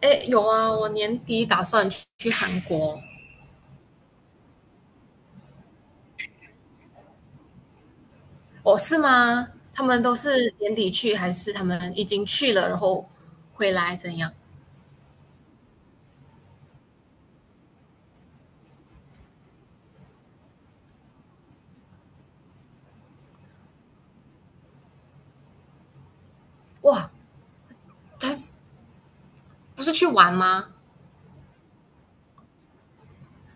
哎，有啊，我年底打算去韩国。哦，是吗？他们都是年底去，还是他们已经去了，然后回来怎样？哇，他是不是去玩吗？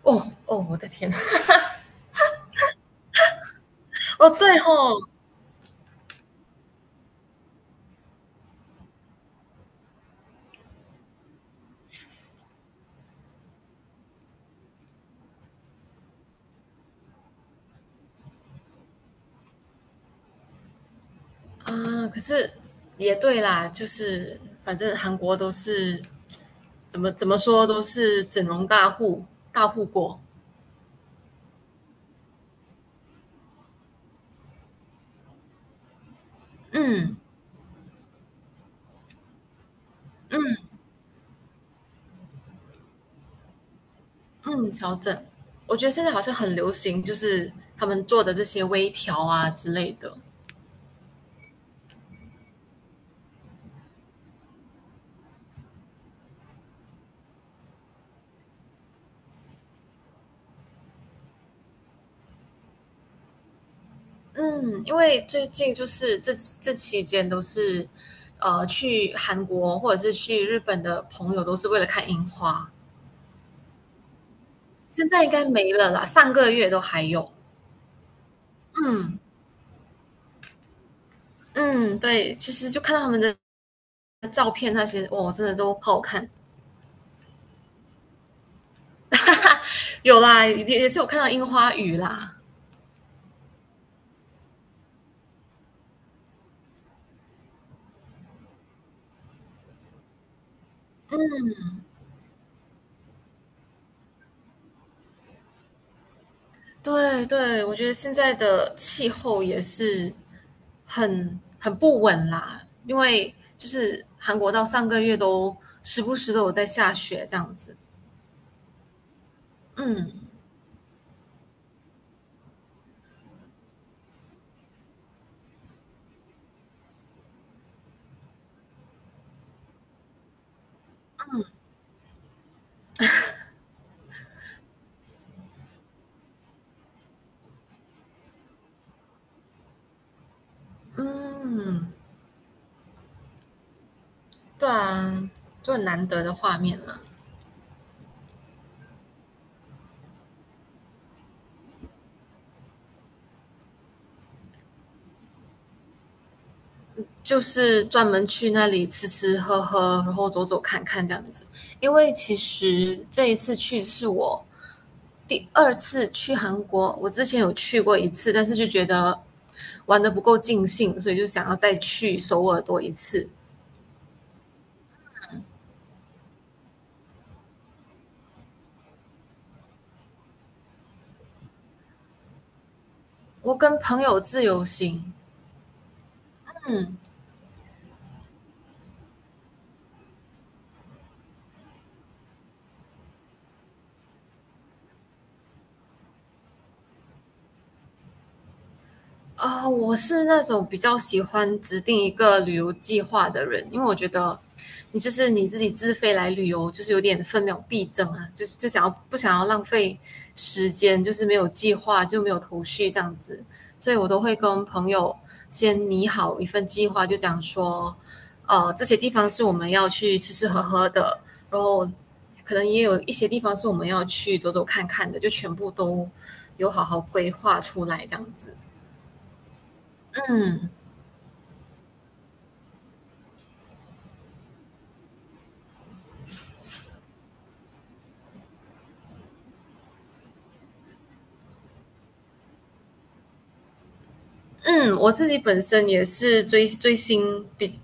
哦哦，我的天！哦，对吼，啊，可是也对啦，就是反正韩国都是怎么说都是整容大户国。嗯嗯嗯，调整。我觉得现在好像很流行，就是他们做的这些微调啊之类的。嗯，因为最近就是这期间都是，去韩国或者是去日本的朋友都是为了看樱花，现在应该没了啦，上个月都还有。嗯嗯，对，其实就看到他们的照片那些，哇，真的都好好看。有啦，也是有看到樱花雨啦。对对，我觉得现在的气候也是很不稳啦，因为就是韩国到上个月都时不时都有在下雪这样子。嗯嗯，对啊，就很难得的画面了。就是专门去那里吃吃喝喝，然后走走看看这样子。因为其实这一次去是我第二次去韩国，我之前有去过一次，但是就觉得玩的不够尽兴，所以就想要再去首尔多一次。我跟朋友自由行，我是那种比较喜欢制定一个旅游计划的人，因为我觉得你就是你自己自费来旅游，就是有点分秒必争啊，就是就想要不想要浪费时间，就是没有计划就没有头绪这样子，所以我都会跟朋友先拟好一份计划，就讲说，这些地方是我们要去吃吃喝喝的，然后可能也有一些地方是我们要去走走看看的，就全部都有好好规划出来这样子，嗯。嗯，我自己本身也是追追星，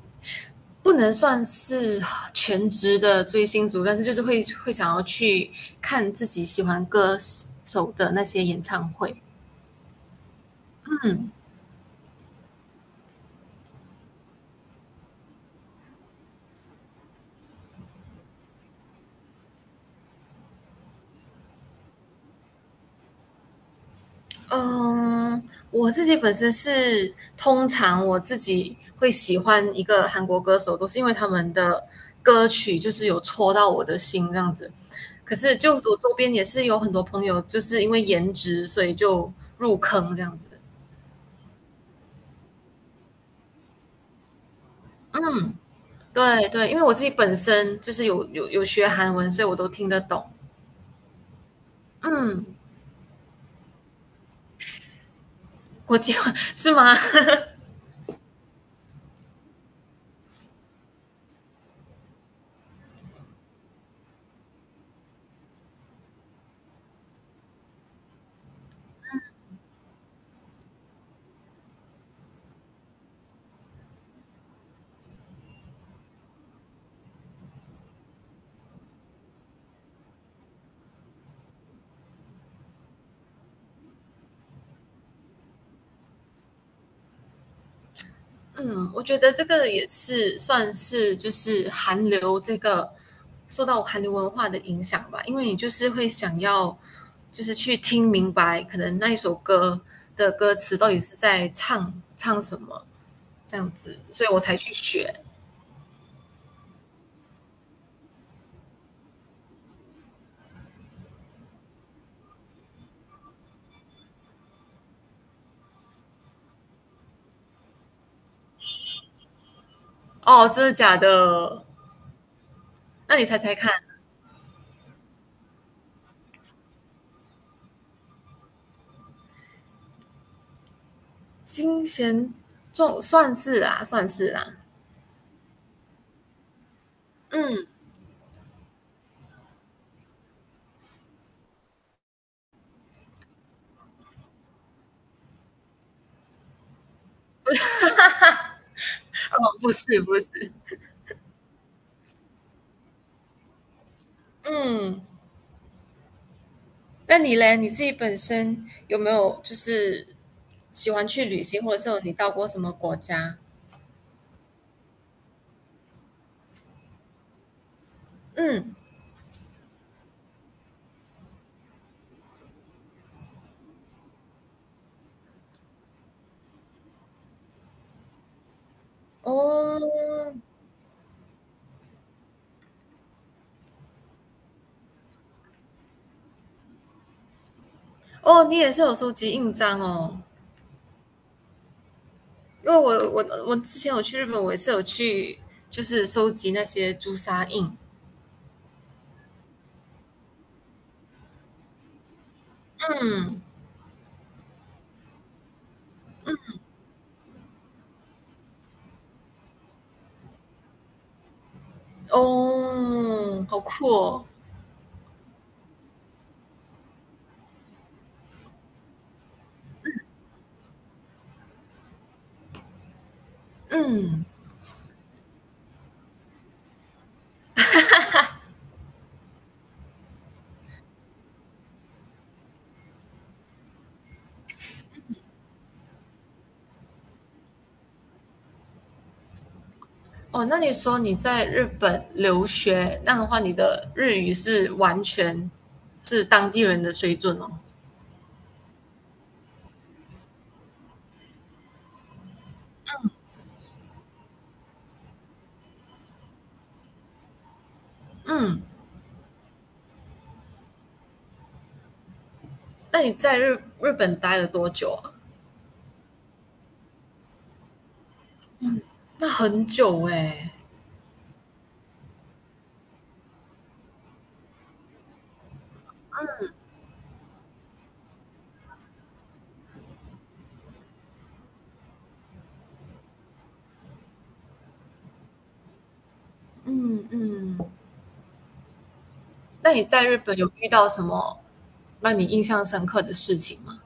不能算是全职的追星族，但是就是会想要去看自己喜欢歌手的那些演唱会。嗯，我自己本身是通常我自己会喜欢一个韩国歌手，都是因为他们的歌曲就是有戳到我的心这样子。可是就我周边也是有很多朋友，就是因为颜值，所以就入坑这样子。对对，因为我自己本身就是有学韩文，所以我都听得懂。嗯，国际化 是吗？嗯，我觉得这个也是算是就是韩流这个受到韩流文化的影响吧，因为你就是会想要就是去听明白，可能那一首歌的歌词到底是在唱什么这样子，所以我才去学。哦，真的假的？那你猜猜看，金贤重算是啦，算是啦，嗯。哦，不是不是，嗯，那你嘞？你自己本身有没有就是喜欢去旅行，或者是有你到过什么国家？嗯，哦，哦，你也是有收集印章哦，因为我之前有去日本，我也是有去就是收集那些朱砂印。嗯，哦，好酷哦。嗯，哦，那你说你在日本留学，那的话，你的日语是完全是当地人的水准哦。嗯，那你在日本待了多久啊？那很久哎、嗯嗯，那你在日本有遇到什么让你印象深刻的事情吗？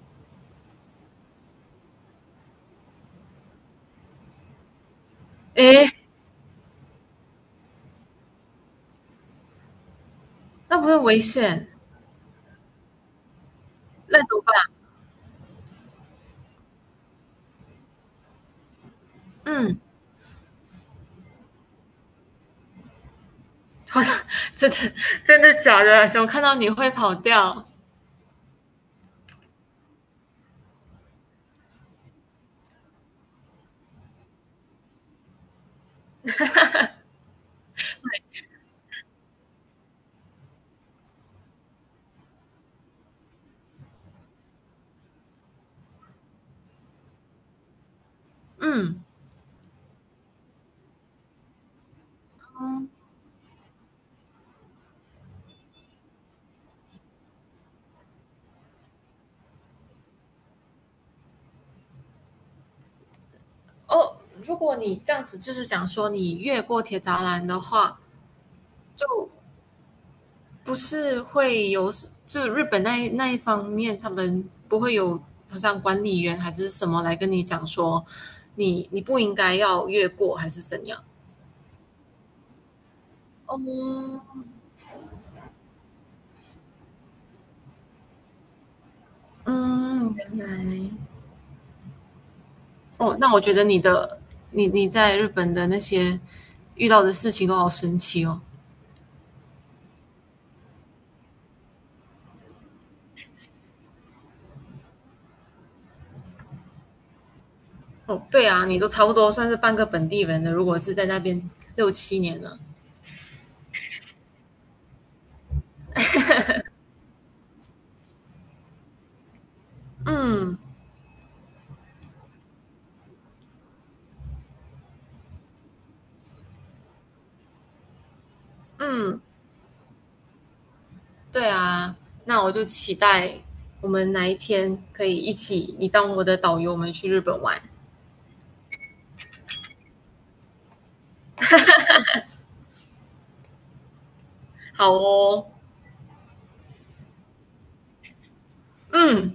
诶，那不是危险，那怎么办？嗯，我 真的真的假的？熊看到你会跑掉？嗯嗯哦，如果你这样子就是想说你越过铁栅栏的话，就不是会有就日本那一方面，他们不会有好像管理员还是什么来跟你讲说你不应该要越过还是怎样？哦，嗯，原来哦，那我觉得你的你在日本的那些遇到的事情都好神奇哦。哦，对啊，你都差不多算是半个本地人了，如果是在那边六七年了，嗯嗯。对啊，那我就期待我们哪一天可以一起，你当我的导游，我们去日本玩。好哦，嗯，